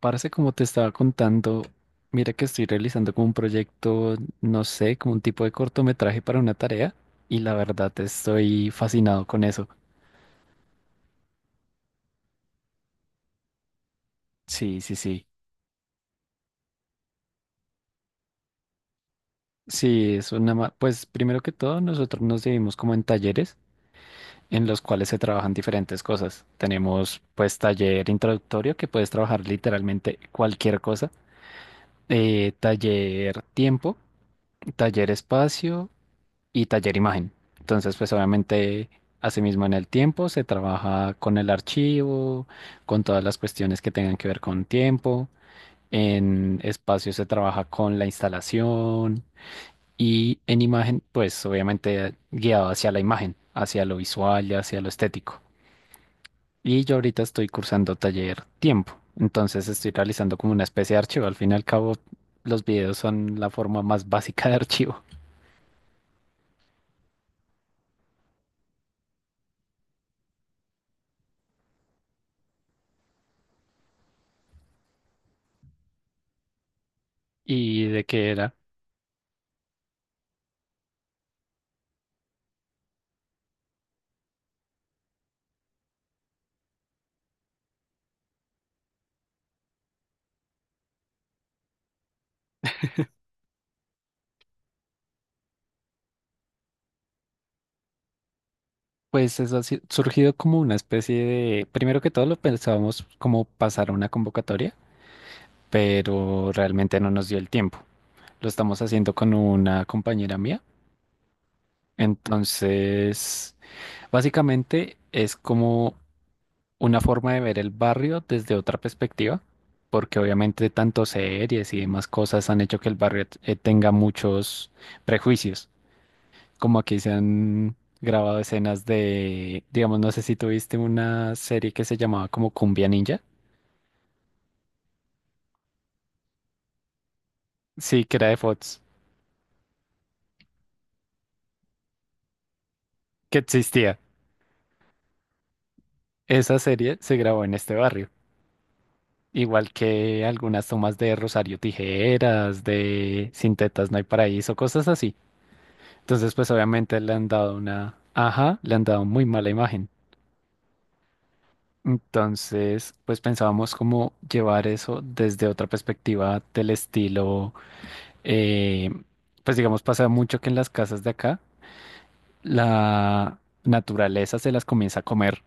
Parce, como te estaba contando, mira que estoy realizando como un proyecto, no sé, como un tipo de cortometraje para una tarea y la verdad estoy fascinado con eso. Sí, sí, sí. Sí, es una... Pues primero que todo, nosotros nos dividimos como en talleres en los cuales se trabajan diferentes cosas. Tenemos pues taller introductorio que puedes trabajar literalmente cualquier cosa, taller tiempo, taller espacio y taller imagen. Entonces, pues obviamente, asimismo en el tiempo se trabaja con el archivo, con todas las cuestiones que tengan que ver con tiempo. En espacio se trabaja con la instalación y en imagen, pues obviamente guiado hacia la imagen, hacia lo visual y hacia lo estético. Y yo ahorita estoy cursando taller tiempo. Entonces estoy realizando como una especie de archivo. Al fin y al cabo, los videos son la forma más básica de archivo. ¿Y de qué era? Pues eso ha si- surgido como una especie de, primero que todo lo pensábamos como pasar a una convocatoria, pero realmente no nos dio el tiempo. Lo estamos haciendo con una compañera mía. Entonces, básicamente es como una forma de ver el barrio desde otra perspectiva, porque obviamente tanto series y demás cosas han hecho que el barrio tenga muchos prejuicios, como aquí se han grabado escenas de, digamos, no sé si tuviste una serie que se llamaba como Cumbia Ninja, sí, que era de Fox, que existía. Esa serie se grabó en este barrio, igual que algunas tomas de Rosario Tijeras, de Sin tetas no hay paraíso, cosas así. Entonces, pues obviamente le han dado una, ajá, le han dado muy mala imagen. Entonces, pues pensábamos cómo llevar eso desde otra perspectiva del estilo eh, pues digamos, pasa mucho que en las casas de acá la naturaleza se las comienza a comer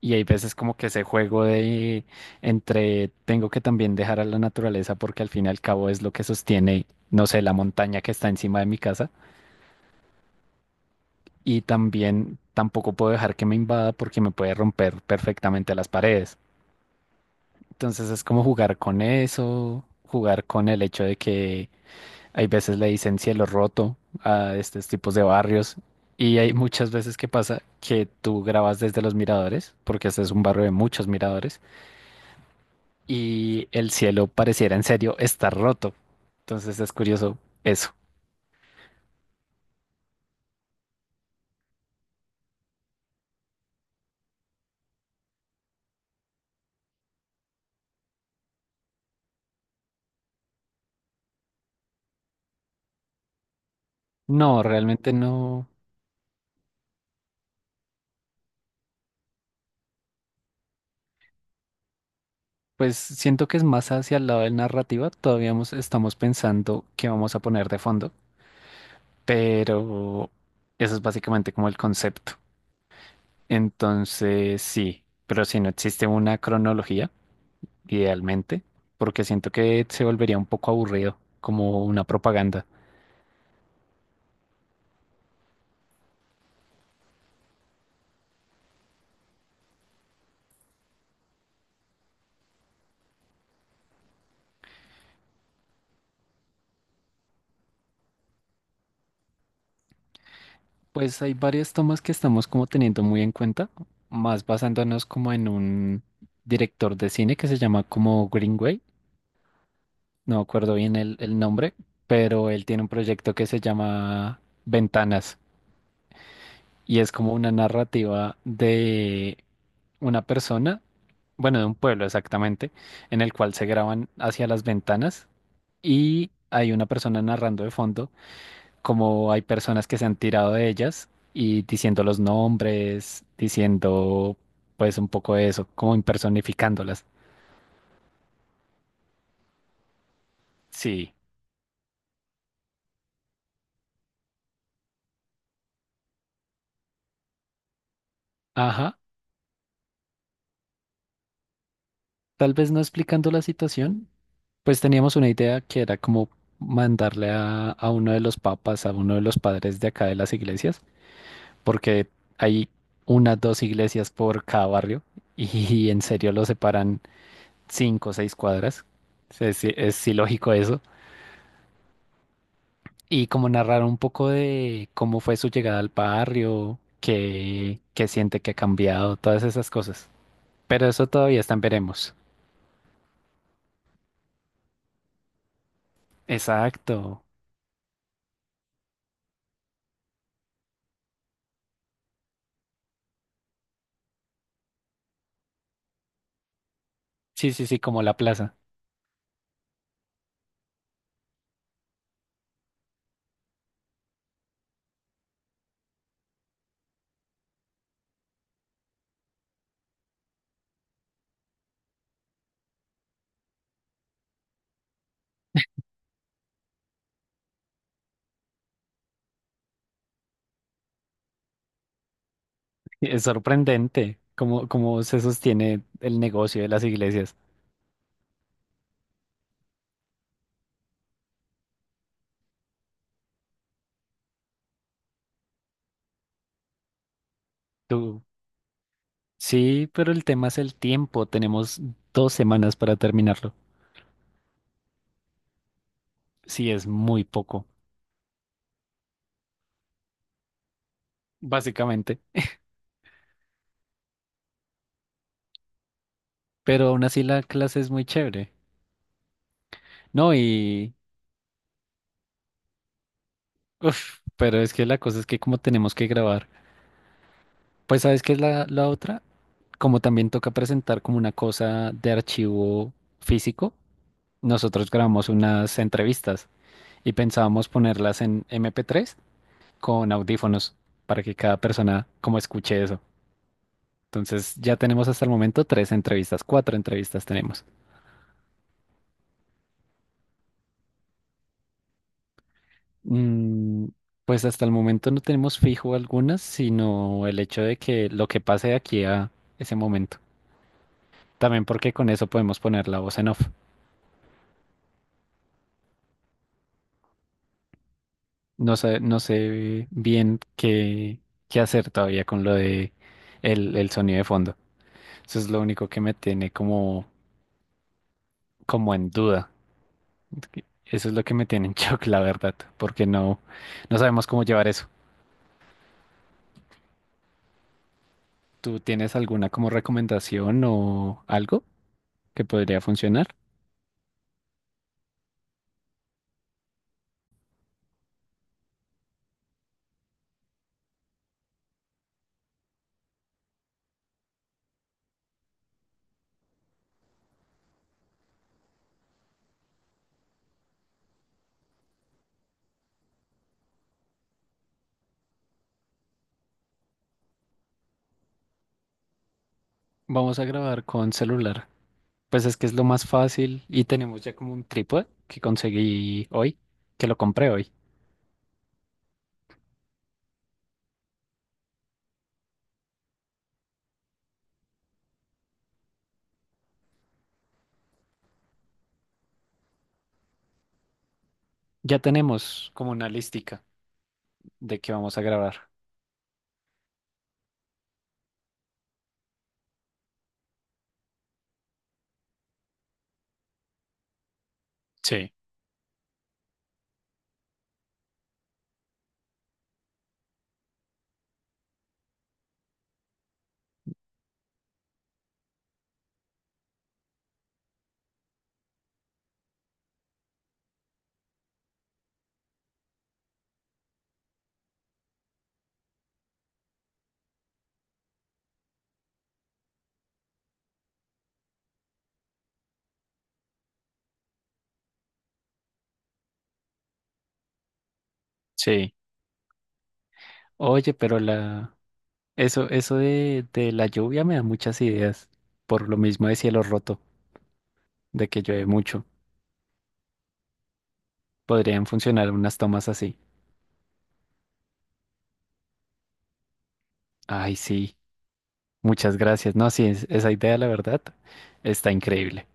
y hay veces como que ese juego de entre tengo que también dejar a la naturaleza porque al fin y al cabo es lo que sostiene, no sé, la montaña que está encima de mi casa y también tampoco puedo dejar que me invada porque me puede romper perfectamente las paredes. Entonces es como jugar con eso, jugar con el hecho de que hay veces le dicen cielo roto a estos tipos de barrios y hay muchas veces que pasa que tú grabas desde los miradores, porque este es un barrio de muchos miradores, y el cielo pareciera en serio estar roto. Entonces es curioso eso. No, realmente no. Pues siento que es más hacia el lado de la narrativa. Todavía estamos pensando qué vamos a poner de fondo, pero eso es básicamente como el concepto. Entonces sí, pero si no existe una cronología idealmente, porque siento que se volvería un poco aburrido, como una propaganda. Pues hay varias tomas que estamos como teniendo muy en cuenta, más basándonos como en un director de cine que se llama como Greenway, no me acuerdo bien el nombre, pero él tiene un proyecto que se llama Ventanas y es como una narrativa de una persona, bueno, de un pueblo exactamente, en el cual se graban hacia las ventanas y hay una persona narrando de fondo como hay personas que se han tirado de ellas y diciendo los nombres, diciendo pues un poco de eso, como impersonificándolas. Sí, ajá, tal vez no explicando la situación, pues teníamos una idea que era como mandarle a uno de los papas, a uno de los padres de acá de las iglesias, porque hay unas dos iglesias por cada barrio y, en serio lo separan cinco o seis cuadras. Es ilógico eso y como narrar un poco de cómo fue su llegada al barrio, qué siente que ha cambiado, todas esas cosas. Pero eso todavía está en veremos. Exacto. Sí, sí, sí, como la plaza. Es sorprendente cómo se sostiene el negocio de las iglesias. Tú, sí, pero el tema es el tiempo. Tenemos dos semanas para terminarlo. Sí, es muy poco, básicamente. Pero aún así la clase es muy chévere. No, y... Uf, pero es que la cosa es que como tenemos que grabar. Pues sabes qué es la otra, como también toca presentar como una cosa de archivo físico, nosotros grabamos unas entrevistas y pensábamos ponerlas en MP3 con audífonos para que cada persona como escuche eso. Entonces ya tenemos hasta el momento tres entrevistas, cuatro entrevistas tenemos. Mm, pues hasta el momento no tenemos fijo algunas, sino el hecho de que lo que pase de aquí a ese momento. También porque con eso podemos poner la voz en off. No sé, no sé bien qué hacer todavía con lo de el sonido de fondo. Eso es lo único que me tiene como, como en duda. Eso es lo que me tiene en shock, la verdad, porque no, no sabemos cómo llevar eso. ¿Tú tienes alguna como recomendación o algo que podría funcionar? Vamos a grabar con celular. Pues es que es lo más fácil y tenemos ya como un trípode que conseguí hoy, que lo compré hoy. Ya tenemos como una listica de qué vamos a grabar. Sí, sí. Oye, pero la eso, eso de la lluvia me da muchas ideas. Por lo mismo de cielo roto, de que llueve mucho. Podrían funcionar unas tomas así. Ay, sí. Muchas gracias. No, sí, esa idea, la verdad, está increíble.